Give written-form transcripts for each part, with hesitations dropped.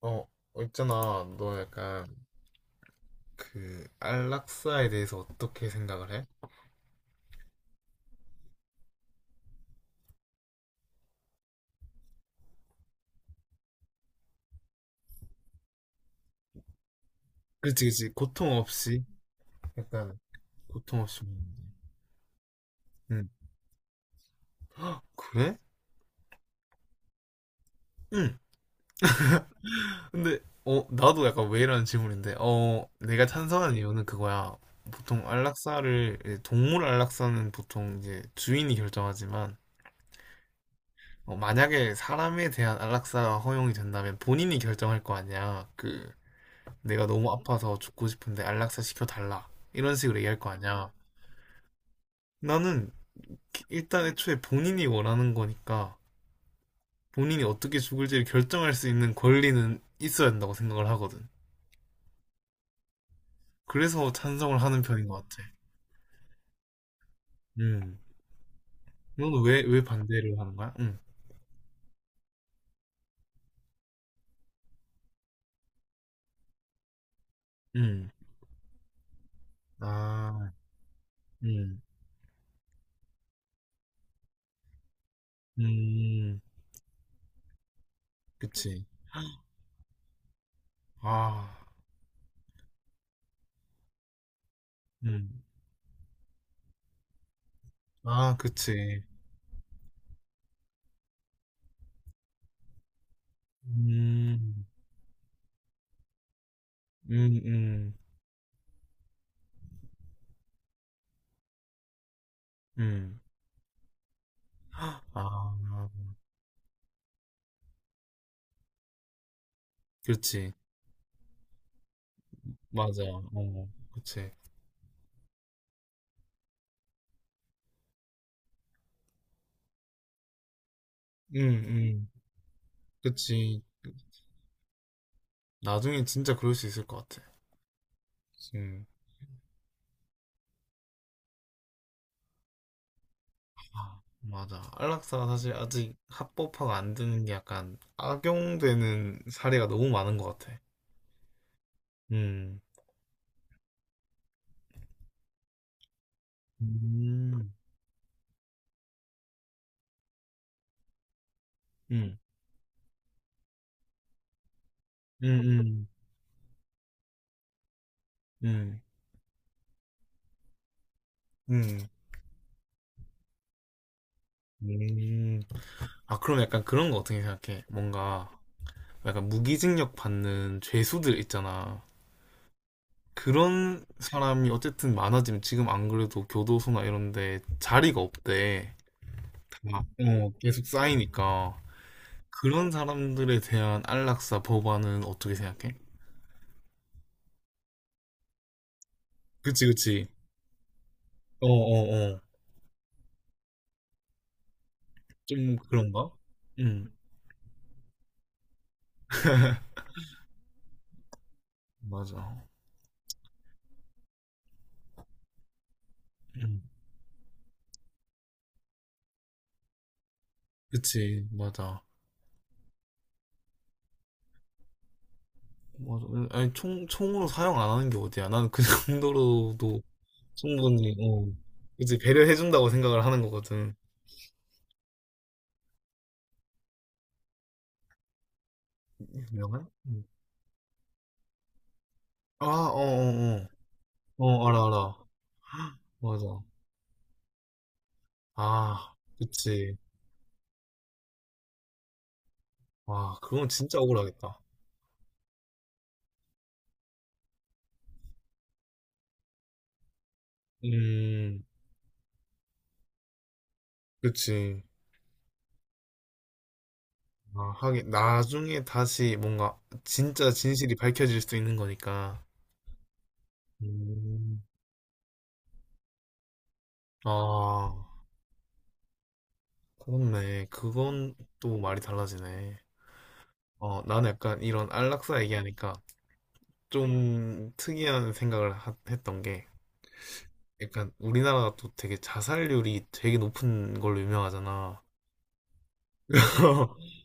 어, 어, 있잖아. 너 약간 그 안락사에 대해서 어떻게 생각을 해? 그렇지, 그렇지. 고통 없이 약간 고통 없이. 먹는 거. 응. 헉, 그래? 응. 근데 어 나도 약간 왜 이런 질문인데 어 내가 찬성하는 이유는 그거야. 보통 안락사를 이제 동물 안락사는 보통 이제 주인이 결정하지만 어, 만약에 사람에 대한 안락사가 허용이 된다면 본인이 결정할 거 아니야. 그 내가 너무 아파서 죽고 싶은데 안락사 시켜달라. 이런 식으로 얘기할 거 아니야. 나는 일단 애초에 본인이 원하는 거니까 본인이 어떻게 죽을지를 결정할 수 있는 권리는 있어야 된다고 생각을 하거든. 그래서 찬성을 하는 편인 것 같아. 음. 너는 왜, 왜 반대를 하는 거야? 음. 음. 아, 음. 음. 그치. 아, 음. 아, 그치. 음. 음, 음. 음. 아, 그렇지. 맞아. 어, 그치. 음, 음. 그치. 나중에 진짜 그럴 수 있을 것 같아. 음, 아, 맞아. 안락사가 사실 아직 합법화가 안 되는 게 약간 악용되는 사례가 너무 많은 것 같아. 음, 음, 음, 음, 음, 음, 음. 음. 아, 그럼 약간 그런 거 어떻게 생각해? 뭔가 약간 무기징역 받는 죄수들 있잖아. 그런 사람이 어쨌든 많아지면 지금 안 그래도 교도소나 이런 데 자리가 없대. 다, 어, 계속 쌓이니까. 그런 사람들에 대한 안락사 법안은 어떻게 생각해? 그치, 그치. 어, 어, 어. 좀 그런가? 응, 맞아. 응, 그치, 맞아. 맞아. 아니, 총으로 사용 안 하는 게 어디야. 나는 그 정도로도 충분히, 어. 그치, 배려해준다고 생각을 하는 거거든. 유명한? 응. 아, 어, 어, 어. 어, 알아, 알아. 맞아. 아, 그치. 와, 그건 진짜 억울하겠다. 음, 그치. 아, 하긴 나중에 다시 뭔가 진짜 진실이 밝혀질 수 있는 거니까. 음. 아, 그렇네. 그건 또 말이 달라지네. 어, 나는 약간 이런 안락사 얘기하니까 좀 특이한 생각을 했던 게 약간 우리나라가 또 되게 자살률이 되게 높은 걸로 유명하잖아.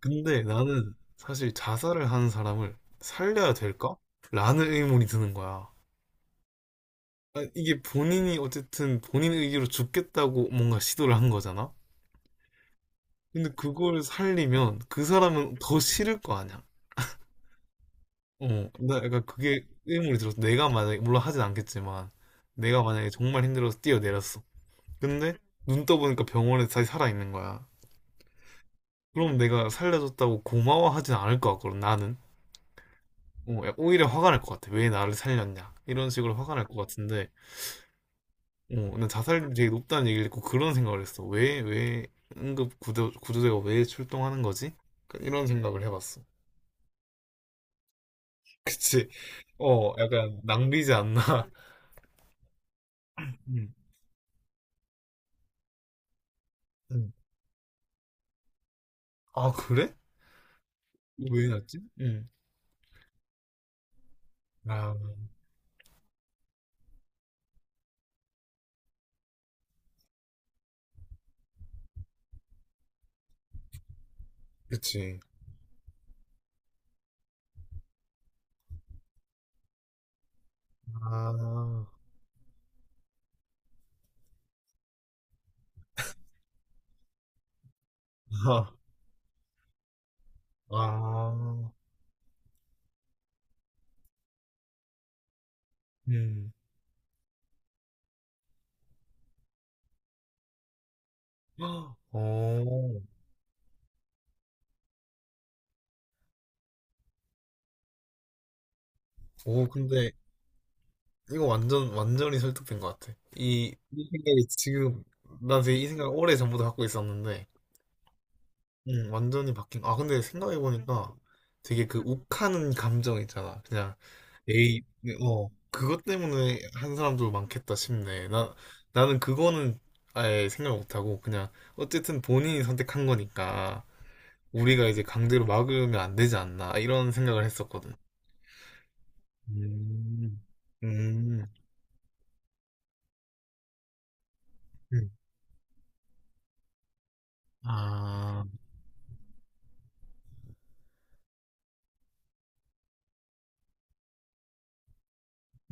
근데 나는 사실 자살을 하는 사람을 살려야 될까? 라는 의문이 드는 거야. 아, 이게 본인이 어쨌든 본인 의기로 죽겠다고 뭔가 시도를 한 거잖아? 근데 그걸 살리면 그 사람은 더 싫을 거 아니야? 어, 나 약간 그게 의문이 들었어. 내가 만약에, 물론 하진 않겠지만, 내가 만약에 정말 힘들어서 뛰어내렸어. 근데 눈 떠보니까 병원에 다시 살아있는 거야. 그럼 내가 살려줬다고 고마워하진 않을 것 같거든, 나는. 어, 야, 오히려 화가 날 것 같아. 왜 나를 살렸냐. 이런 식으로 화가 날 것 같은데, 어, 난 자살률이 되게 높다는 얘기를 듣고 그런 생각을 했어. 왜, 왜 응급 구조대가 왜 출동하는 거지? 약간 이런 생각을 해봤어. 그치? 어, 약간 낭비지 않나? 음, 음. 아, 그래? 왜 해놨지? 음. 아, 그치. 아, 아, 아, 음. 헉, 어, 오, 근데 이거 완전히 설득된 것 같아. 이 생각이 지금, 난 되게 이 생각을 오래 전부터 갖고 있었는데, 완전히 바뀐. 아, 근데 생각해보니까 되게 그 욱하는 감정 있잖아. 그냥, 에이, 어, 그것 때문에 한 사람도 많겠다 싶네. 나, 나는 그거는 아예 생각 못하고, 그냥, 어쨌든 본인이 선택한 거니까, 우리가 이제 강제로 막으면 안 되지 않나, 이런 생각을 했었거든. 음, 음, 음. 아,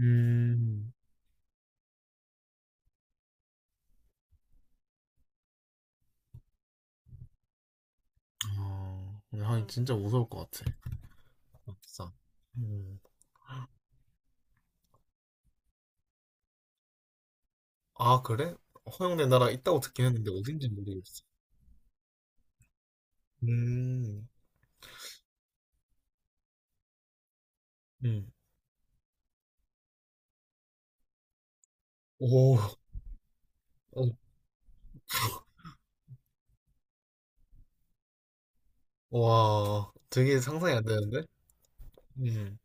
음, 어, 하긴 진짜 무서울 것 같아. 아, 진짜. 음. 아, 그래? 허용된 나라 있다고 듣긴 했는데 어딘지 모르겠어. 음, 음. 오, 어, 와, 되게 상상이 안 되는데? 음,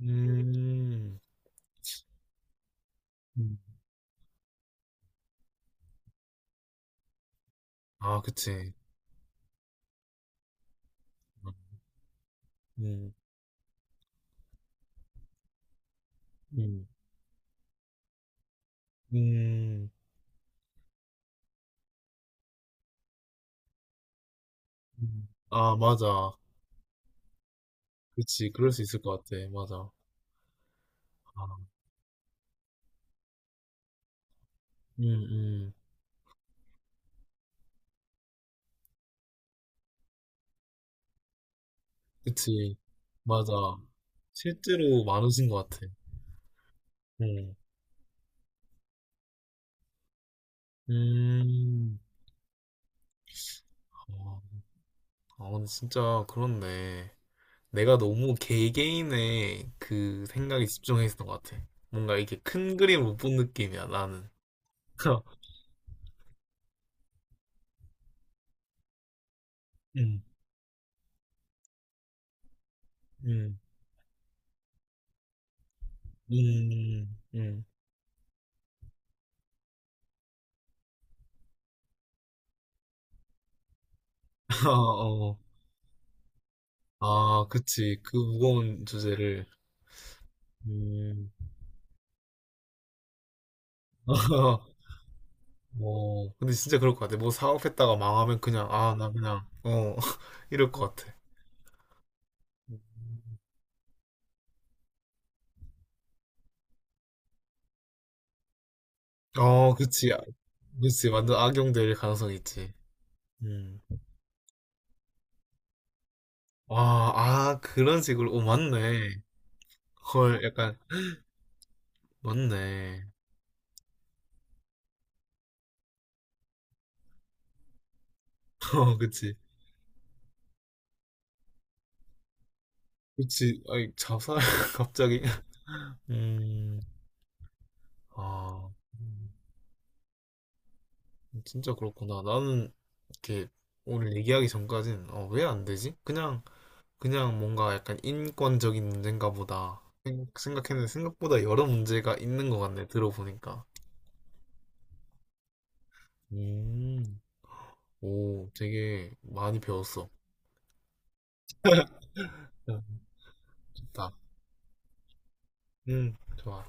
음, 음. 아, 그치. 음, 음, 음, 아, 맞아. 그치. 그럴 수 있을 것 같아. 맞아. 아, 음, 음. 그치. 맞아. 실제로 많으신 것 같아. 음, 음. 아, 아, 근데 진짜 그렇네. 내가 너무 개개인의 그 생각에 집중했던 것 같아. 뭔가 이렇게 큰 그림 못 본 느낌이야, 나는. 음, 음, 음. 아, 어. 아, 그치. 그 무거운 주제를. 음. 어, 근데 진짜 그럴 것 같아. 뭐 사업했다가 망하면 그냥, 아, 나 그냥, 어, 이럴 것 같아. 어, 그치. 아, 그치. 완전 악용될 가능성이 있지. 음. 아, 아, 그런 식으로. 오, 맞네. 헐, 약간 맞네. 어, 그치. 그치. 아이, 자살, 갑자기. 음, 아, 음, 진짜 그렇구나. 나는 이렇게 오늘 얘기하기 전까진, 어, 왜 안 되지? 그냥, 그냥 뭔가 약간 인권적인 문제인가 보다. 생각했는데 생각보다 여러 문제가 있는 것 같네, 들어보니까. 음, 오, 되게 많이 배웠어. 야, 좋다. 좋아.